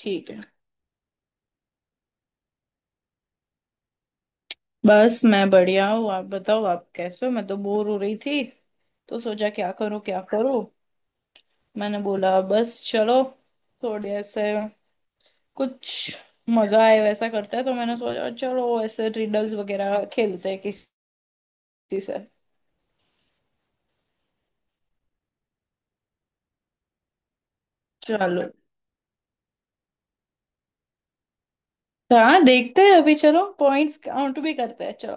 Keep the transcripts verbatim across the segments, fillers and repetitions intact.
ठीक है। बस मैं बढ़िया हूँ, आप बताओ आप कैसे हो। मैं तो बोर हो रही थी, तो सोचा क्या करूँ क्या करूँ। मैंने बोला बस चलो थोड़े ऐसे कुछ मजा आए वैसा करते हैं, तो मैंने सोचा चलो ऐसे रिडल्स वगैरह खेलते हैं किसी से। चलो तो हाँ देखते हैं, अभी चलो पॉइंट्स काउंट भी करते हैं। चलो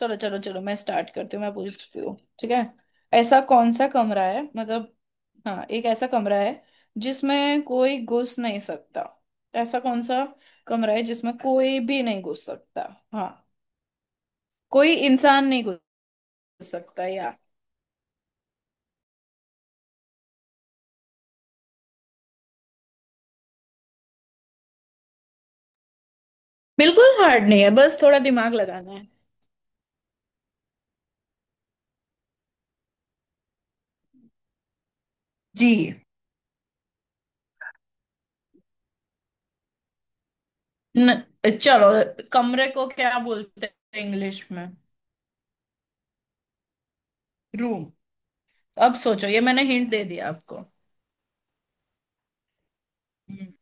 चलो चलो चलो, मैं स्टार्ट करती हूँ, मैं पूछती हूँ। ठीक है। ऐसा कौन सा कमरा है, मतलब हाँ, एक ऐसा कमरा है जिसमें कोई घुस नहीं सकता। ऐसा कौन सा कमरा है जिसमें कोई भी नहीं घुस सकता। हाँ, कोई इंसान नहीं घुस सकता यार। बिल्कुल हार्ड नहीं है, बस थोड़ा दिमाग लगाना है। जी। न, चलो। कमरे को क्या बोलते हैं इंग्लिश में? रूम। अब सोचो, ये मैंने हिंट दे दिया आपको। हम्म।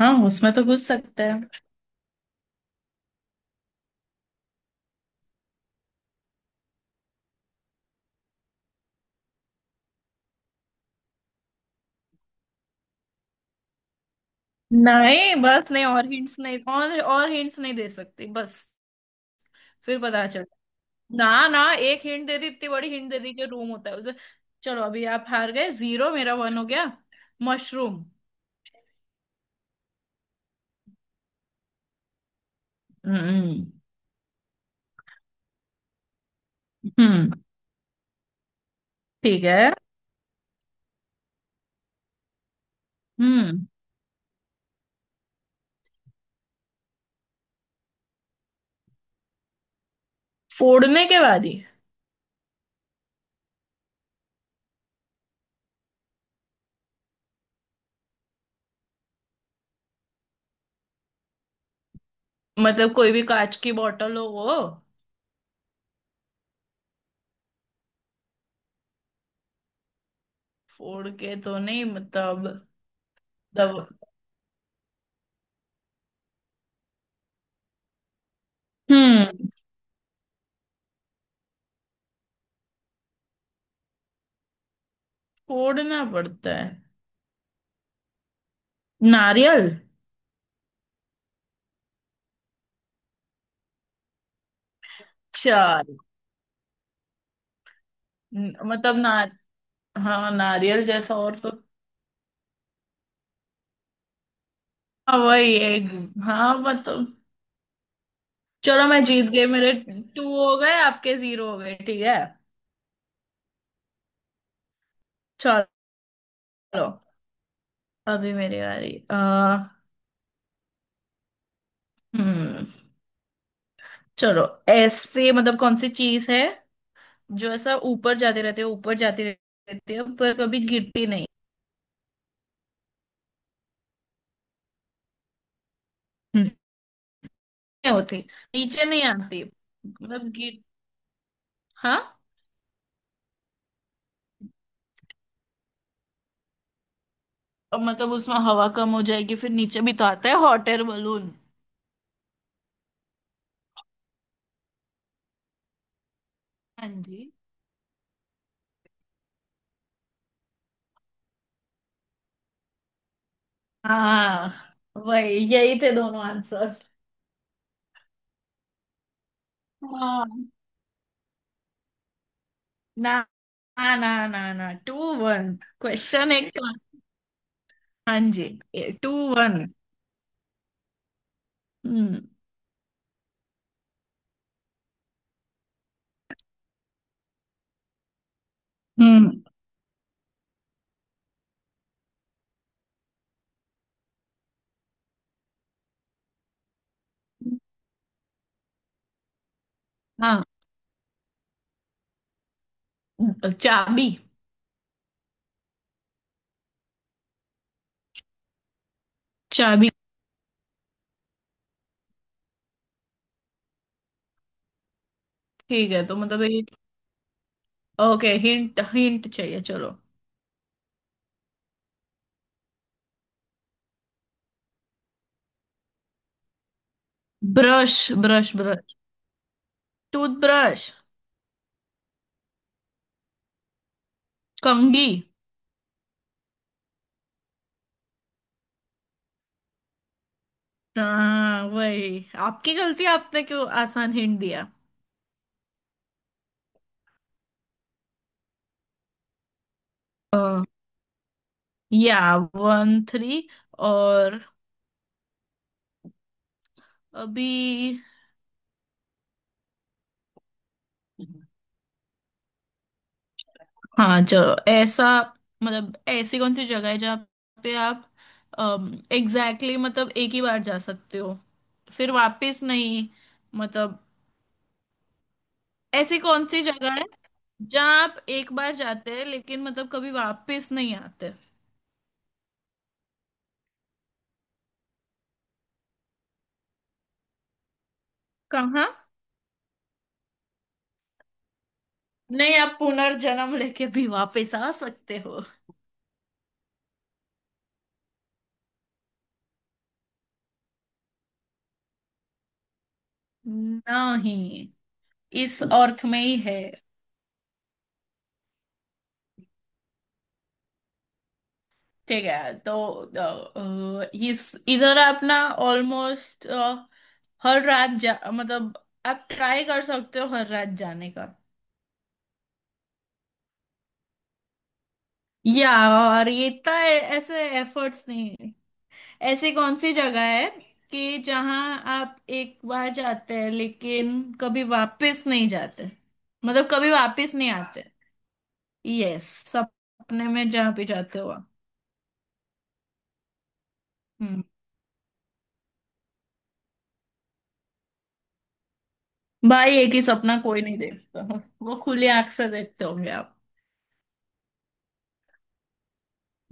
हाँ, उसमें तो घुस सकते हैं। नहीं, बस नहीं, और हिंट्स नहीं, और और हिंट्स नहीं दे सकती, बस। फिर पता चल, ना ना, एक हिंट दे दी, इतनी बड़ी हिंट दे दी कि रूम होता है उसे। चलो अभी आप हार गए, जीरो, मेरा वन हो गया। मशरूम। हम्म, हम्म, ठीक है, हम्म। फोड़ने के बाद ही, मतलब कोई भी कांच की बोतल हो वो, फोड़ के तो नहीं मतलब दब। हम्म, फोड़ना पड़ता है। नारियल। चल। न- मतलब ना। हाँ नारियल जैसा और तो। हाँ वही एक। हाँ मतलब। चलो मैं जीत गई, मेरे टू हो गए, आपके जीरो हो गए। ठीक है। चलो अभी मेरी बारी। आ, हम्म। चलो ऐसे मतलब कौन सी चीज है जो ऐसा ऊपर जाती रहती है, ऊपर जाती रहती है, पर कभी गिरती नहीं। हम्म। नहीं होती, नीचे नहीं आती मतलब गिर। हाँ। और मतलब उसमें हवा कम हो जाएगी फिर नीचे भी तो आता है हॉट एयर बलून। हाँ जी। हाँ वही यही थे दोनों आंसर। हाँ, ना ना ना ना, टू वन, क्वेश्चन एक का। हाँ जी, टू वन। हम्म। हम्म। हाँ, चाबी। चाबी। ठीक है तो मतलब ये, ओके, हिंट हिंट चाहिए, चलो। Brush, brush, brush. टूथब्रश। कंघी। हाँ वही आपकी गलती, आपने क्यों आसान हिंट दिया। या वन थ्री और अभी। हाँ चलो। ऐसा मतलब ऐसी कौन सी जगह है जहाँ पे आप एग्जैक्टली, exactly, मतलब एक ही बार जा सकते हो फिर वापस नहीं मतलब। ऐसी कौन सी जगह है जहाँ आप एक बार जाते हैं लेकिन मतलब कभी वापस नहीं आते। कहाँ? नहीं, आप पुनर्जन्म लेके भी वापस आ सकते हो। नहीं, इस अर्थ में ही है। ठीक है तो अ, अ, इस इधर अपना ऑलमोस्ट हर रात जा, मतलब आप ट्राई कर सकते हो हर रात जाने का। या और ये इतना ए- ऐसे एफर्ट्स नहीं है। ऐसे कौन सी जगह है कि जहां आप एक बार जाते हैं लेकिन कभी वापस नहीं जाते, मतलब कभी वापस नहीं आते। यस, सपने में जहां भी जाते हो आप। हम्म। भाई एक ही सपना कोई नहीं देखता, वो खुली आंख से देखते होंगे आप।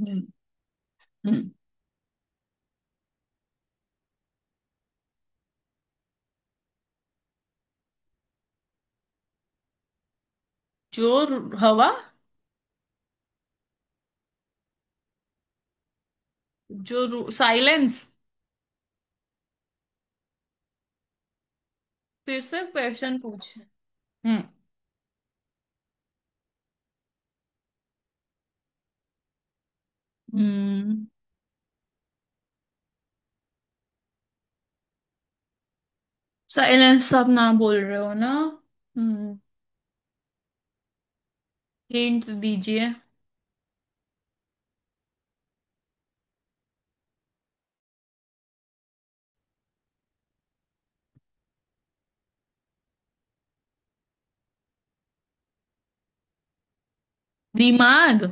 हम्म। हम्म। जो रु- हवा, जो साइलेंस। फिर से क्वेश्चन पूछ। हम्म। हम्म। साइलेंस, आप ना बोल रहे हो ना। हम्म, हिंट दीजिए। दिमाग।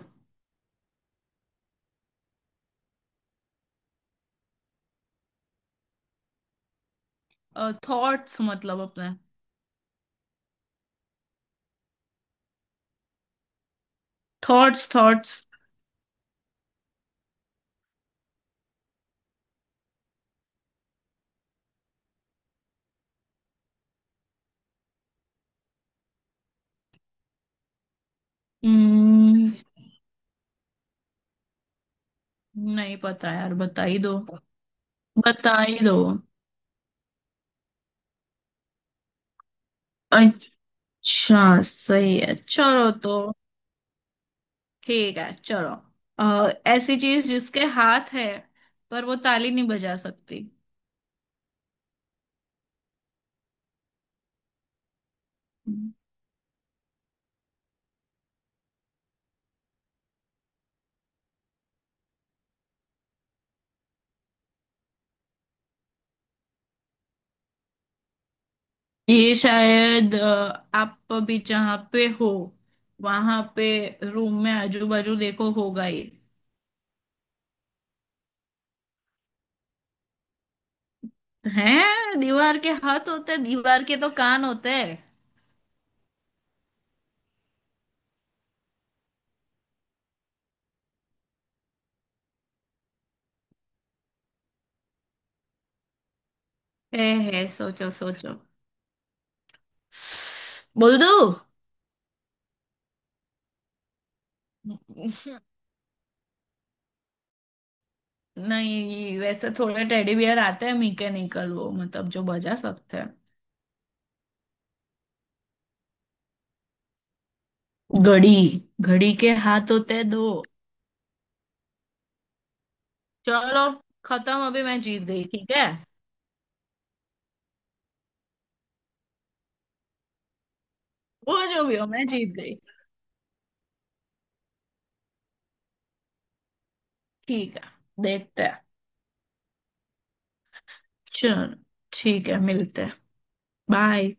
थॉट्स मतलब अपने थॉट्स, थॉट्स। हम्म। नहीं पता यार, बता ही दो, बता ही दो। अच्छा सही है, चलो तो। ठीक है चलो। अ, ऐसी चीज जिसके हाथ है पर वो ताली नहीं बजा सकती। ये शायद अ, आप अभी जहाँ पे हो वहां पे, रूम में आजू बाजू देखो होगा ये। हैं, दीवार के हाथ होते हैं, दीवार के तो कान होते हैं। है है सोचो सोचो, बोल दो। नहीं वैसे थोड़े टेडी बियर आते हैं मैकेनिकल वो मतलब जो बजा सकते हैं। घड़ी। घड़ी के हाथ होते हैं दो। चलो खत्म, अभी मैं जीत गई। ठीक है। वो जो भी हो मैं जीत गई। ठीक है, देखते हैं। चलो ठीक है, मिलते हैं, बाय।